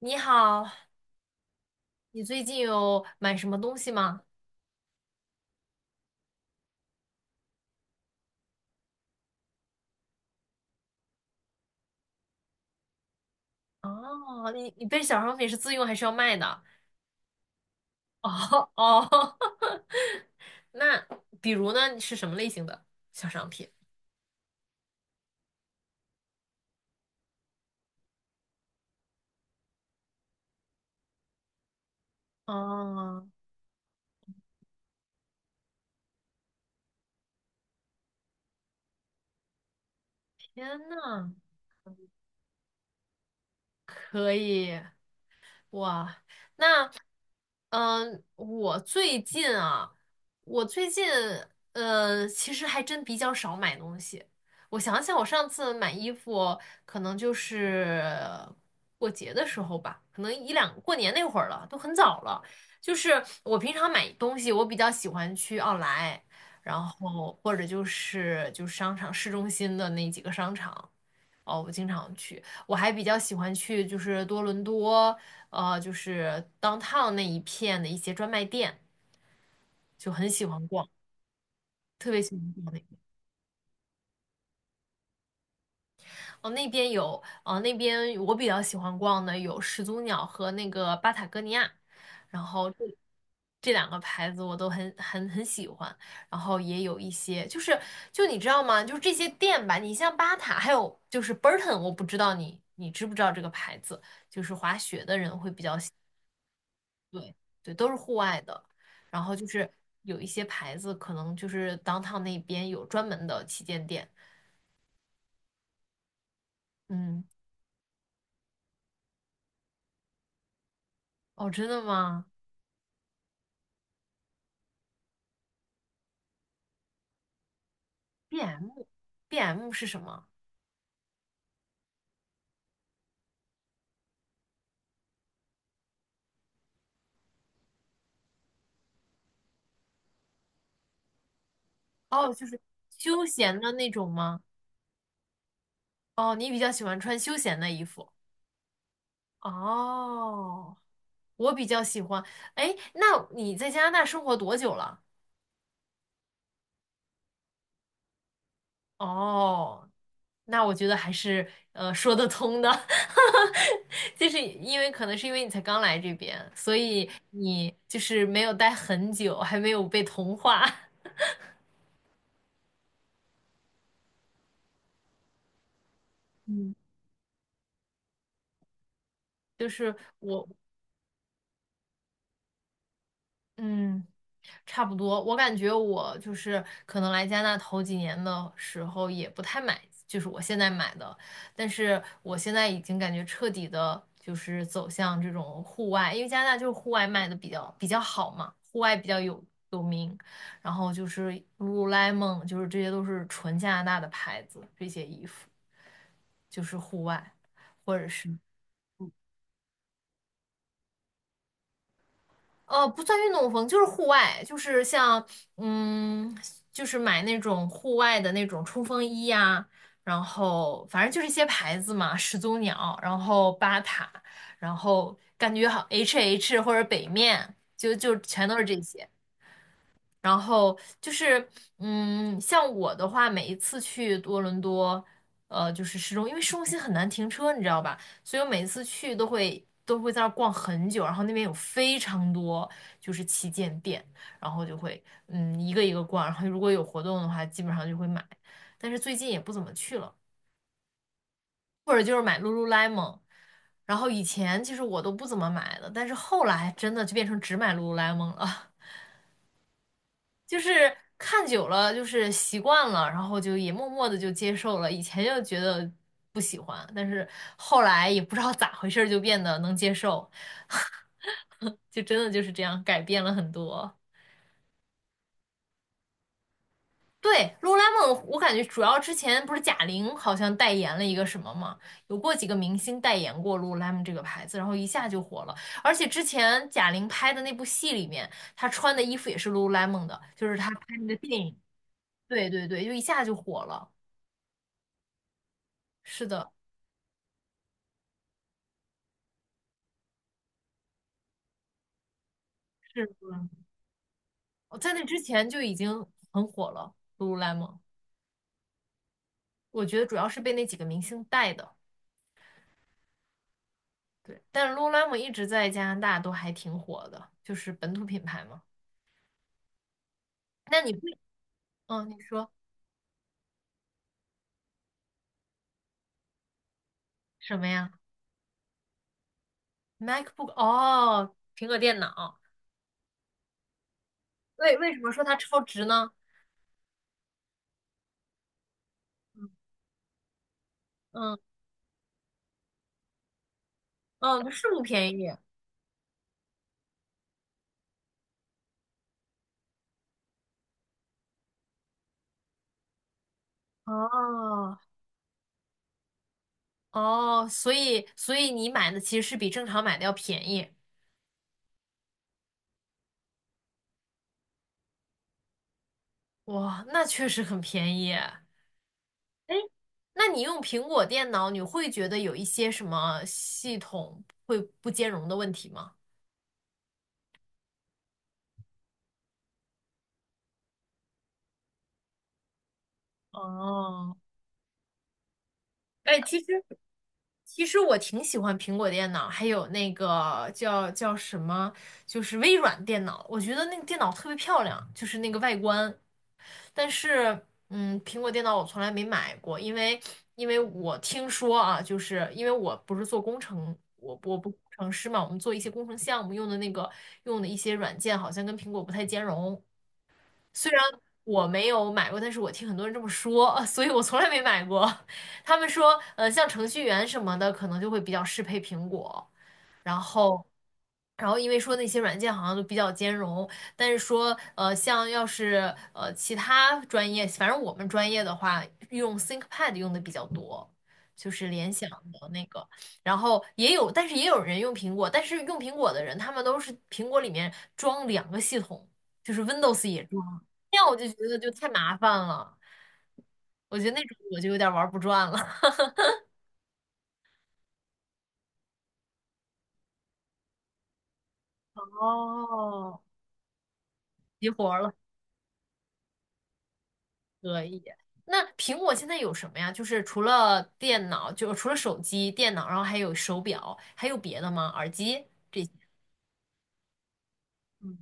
你好，你最近有买什么东西吗？哦，你被小商品是自用还是要卖的？哦哦，那比如呢，你是什么类型的小商品？哦，天呐，可以，哇，那，嗯、我最近啊，我最近，其实还真比较少买东西。我想想，我上次买衣服可能就是过节的时候吧，可能一两过年那会儿了，都很早了。就是我平常买东西，我比较喜欢去奥莱，然后或者就是商场市中心的那几个商场。哦，我经常去，我还比较喜欢去，就是多伦多，就是 downtown 那一片的一些专卖店，就很喜欢逛，特别喜欢逛那个。哦，那边有，那边我比较喜欢逛的有始祖鸟和那个巴塔哥尼亚，然后这两个牌子我都很很很喜欢。然后也有一些，就是就你知道吗？就是这些店吧，你像巴塔，还有就是 Burton，我不知道你知不知道这个牌子，就是滑雪的人会比较喜。对对，都是户外的。然后就是有一些牌子，可能就是 downtown 那边有专门的旗舰店。嗯，哦，真的吗？BM，BM 是什么？哦，就是休闲的那种吗？哦，你比较喜欢穿休闲的衣服。哦，我比较喜欢。哎，那你在加拿大生活多久了？哦，那我觉得还是说得通的，就是因为可能是因为你才刚来这边，所以你就是没有待很久，还没有被同化。嗯，就是我，嗯，差不多，我感觉我就是可能来加拿大头几年的时候也不太买，就是我现在买的，但是我现在已经感觉彻底的，就是走向这种户外，因为加拿大就是户外卖的比较好嘛，户外比较有名，然后就是 LULU 就是这些都是纯加拿大的牌子，这些衣服就是户外或者是不算运动风，就是户外，就是像，嗯，就是买那种户外的那种冲锋衣呀、然后反正就是一些牌子嘛，始祖鸟，然后巴塔，然后感觉好 HH 或者北面，就全都是这些。然后就是，像我的话，每一次去多伦多，就是市中，因为市中心很难停车，你知道吧？所以我每次去都会在那儿逛很久，然后那边有非常多就是旗舰店，然后就会一个一个逛，然后如果有活动的话，基本上就会买，但是最近也不怎么去了，或者就是买 Lululemon。然后以前其实我都不怎么买的，但是后来真的就变成只买 Lululemon 了。就是看久了，就是习惯了，然后就也默默的就接受了。以前就觉得不喜欢，但是后来也不知道咋回事儿，就变得能接受，就真的就是这样改变了很多。对，Lululemon，我感觉主要之前不是贾玲好像代言了一个什么嘛，有过几个明星代言过 Lululemon 这个牌子，然后一下就火了。而且之前贾玲拍的那部戏里面，她穿的衣服也是 Lululemon 的，就是她拍那个电影。对对对，就一下就火了。是的，是的。我在那之前就已经很火了，Lululemon。我觉得主要是被那几个明星带的。对，但 Lululemon 一直在加拿大都还挺火的，就是本土品牌嘛。那你会，嗯，你说什么呀？MacBook 哦，苹果电脑。为什么说它超值呢？嗯嗯，它是不便宜。哦哦，所以你买的其实是比正常买的要便宜。哇，那确实很便宜。哎，那你用苹果电脑，你会觉得有一些什么系统会不兼容的问题吗？哦，哎，其实我挺喜欢苹果电脑，还有那个叫什么，就是微软电脑，我觉得那个电脑特别漂亮，就是那个外观。但是，苹果电脑我从来没买过，因为我听说啊，就是因为我不是做工程，我不是工程师嘛，我们做一些工程项目用的那个用的一些软件好像跟苹果不太兼容，虽然我没有买过，但是我听很多人这么说，所以我从来没买过。他们说，像程序员什么的，可能就会比较适配苹果，然后。然后因为说那些软件好像都比较兼容，但是说像要是其他专业，反正我们专业的话，用 ThinkPad 用的比较多，就是联想的那个。然后也有，但是也有人用苹果，但是用苹果的人，他们都是苹果里面装两个系统，就是 Windows 也装。那样我就觉得就太麻烦了，我觉得那种我就有点玩不转了，哦，急活儿了，可以。那苹果现在有什么呀？就是除了电脑，就是除了手机、电脑，然后还有手表，还有别的吗？耳机这些嗯，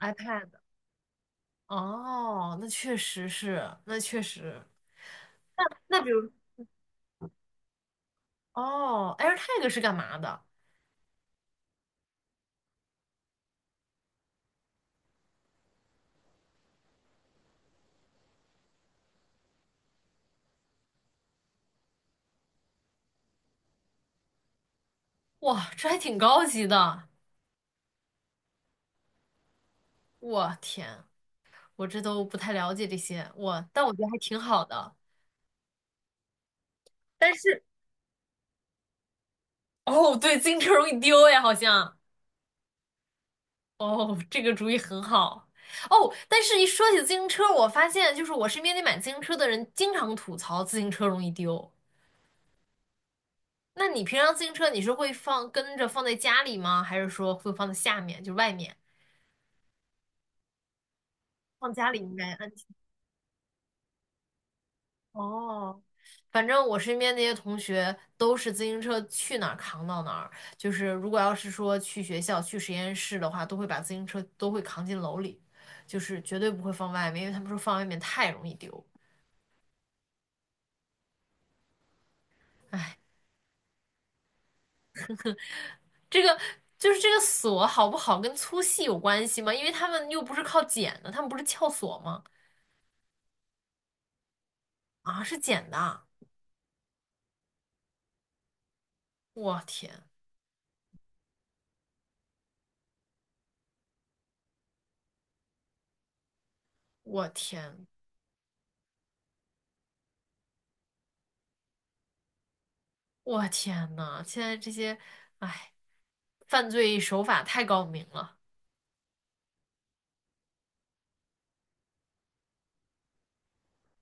，iPad。哦，那确实是，那确实。那比如，哦，AirTag 是干嘛的？哇，这还挺高级的。我天，我这都不太了解这些，我，但我觉得还挺好的。但是。哦，对，自行车容易丢呀，好像。哦，这个主意很好。哦，但是一说起自行车，我发现就是我身边那买自行车的人经常吐槽自行车容易丢。那你平常自行车你是会放跟着放在家里吗？还是说会放在下面，就外面？放家里应该安全。哦，反正我身边那些同学都是自行车去哪儿扛到哪儿，就是如果要是说去学校、去实验室的话，都会把自行车都会扛进楼里，就是绝对不会放外面，因为他们说放外面太容易丢。这个就是这个锁好不好跟粗细有关系吗？因为他们又不是靠剪的，他们不是撬锁吗？啊，是剪的啊，我天，我天，我天呐，现在这些，哎，犯罪手法太高明了。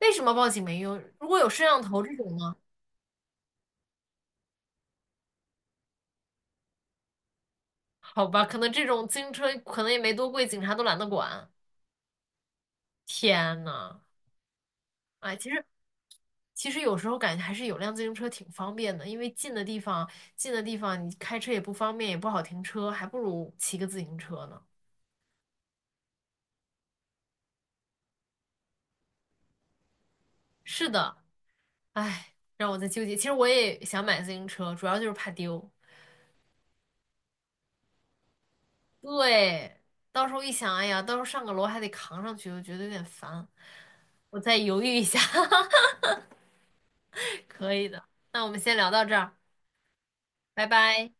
为什么报警没用？如果有摄像头这种呢？好吧，可能这种自行车可能也没多贵，警察都懒得管。天呐，哎，其实有时候感觉还是有辆自行车挺方便的，因为近的地方你开车也不方便，也不好停车，还不如骑个自行车呢。是的，哎，让我在纠结。其实我也想买自行车，主要就是怕丢。对，到时候一想，哎呀，到时候上个楼还得扛上去，我觉得有点烦。我再犹豫一下。可以的。那我们先聊到这儿，拜拜。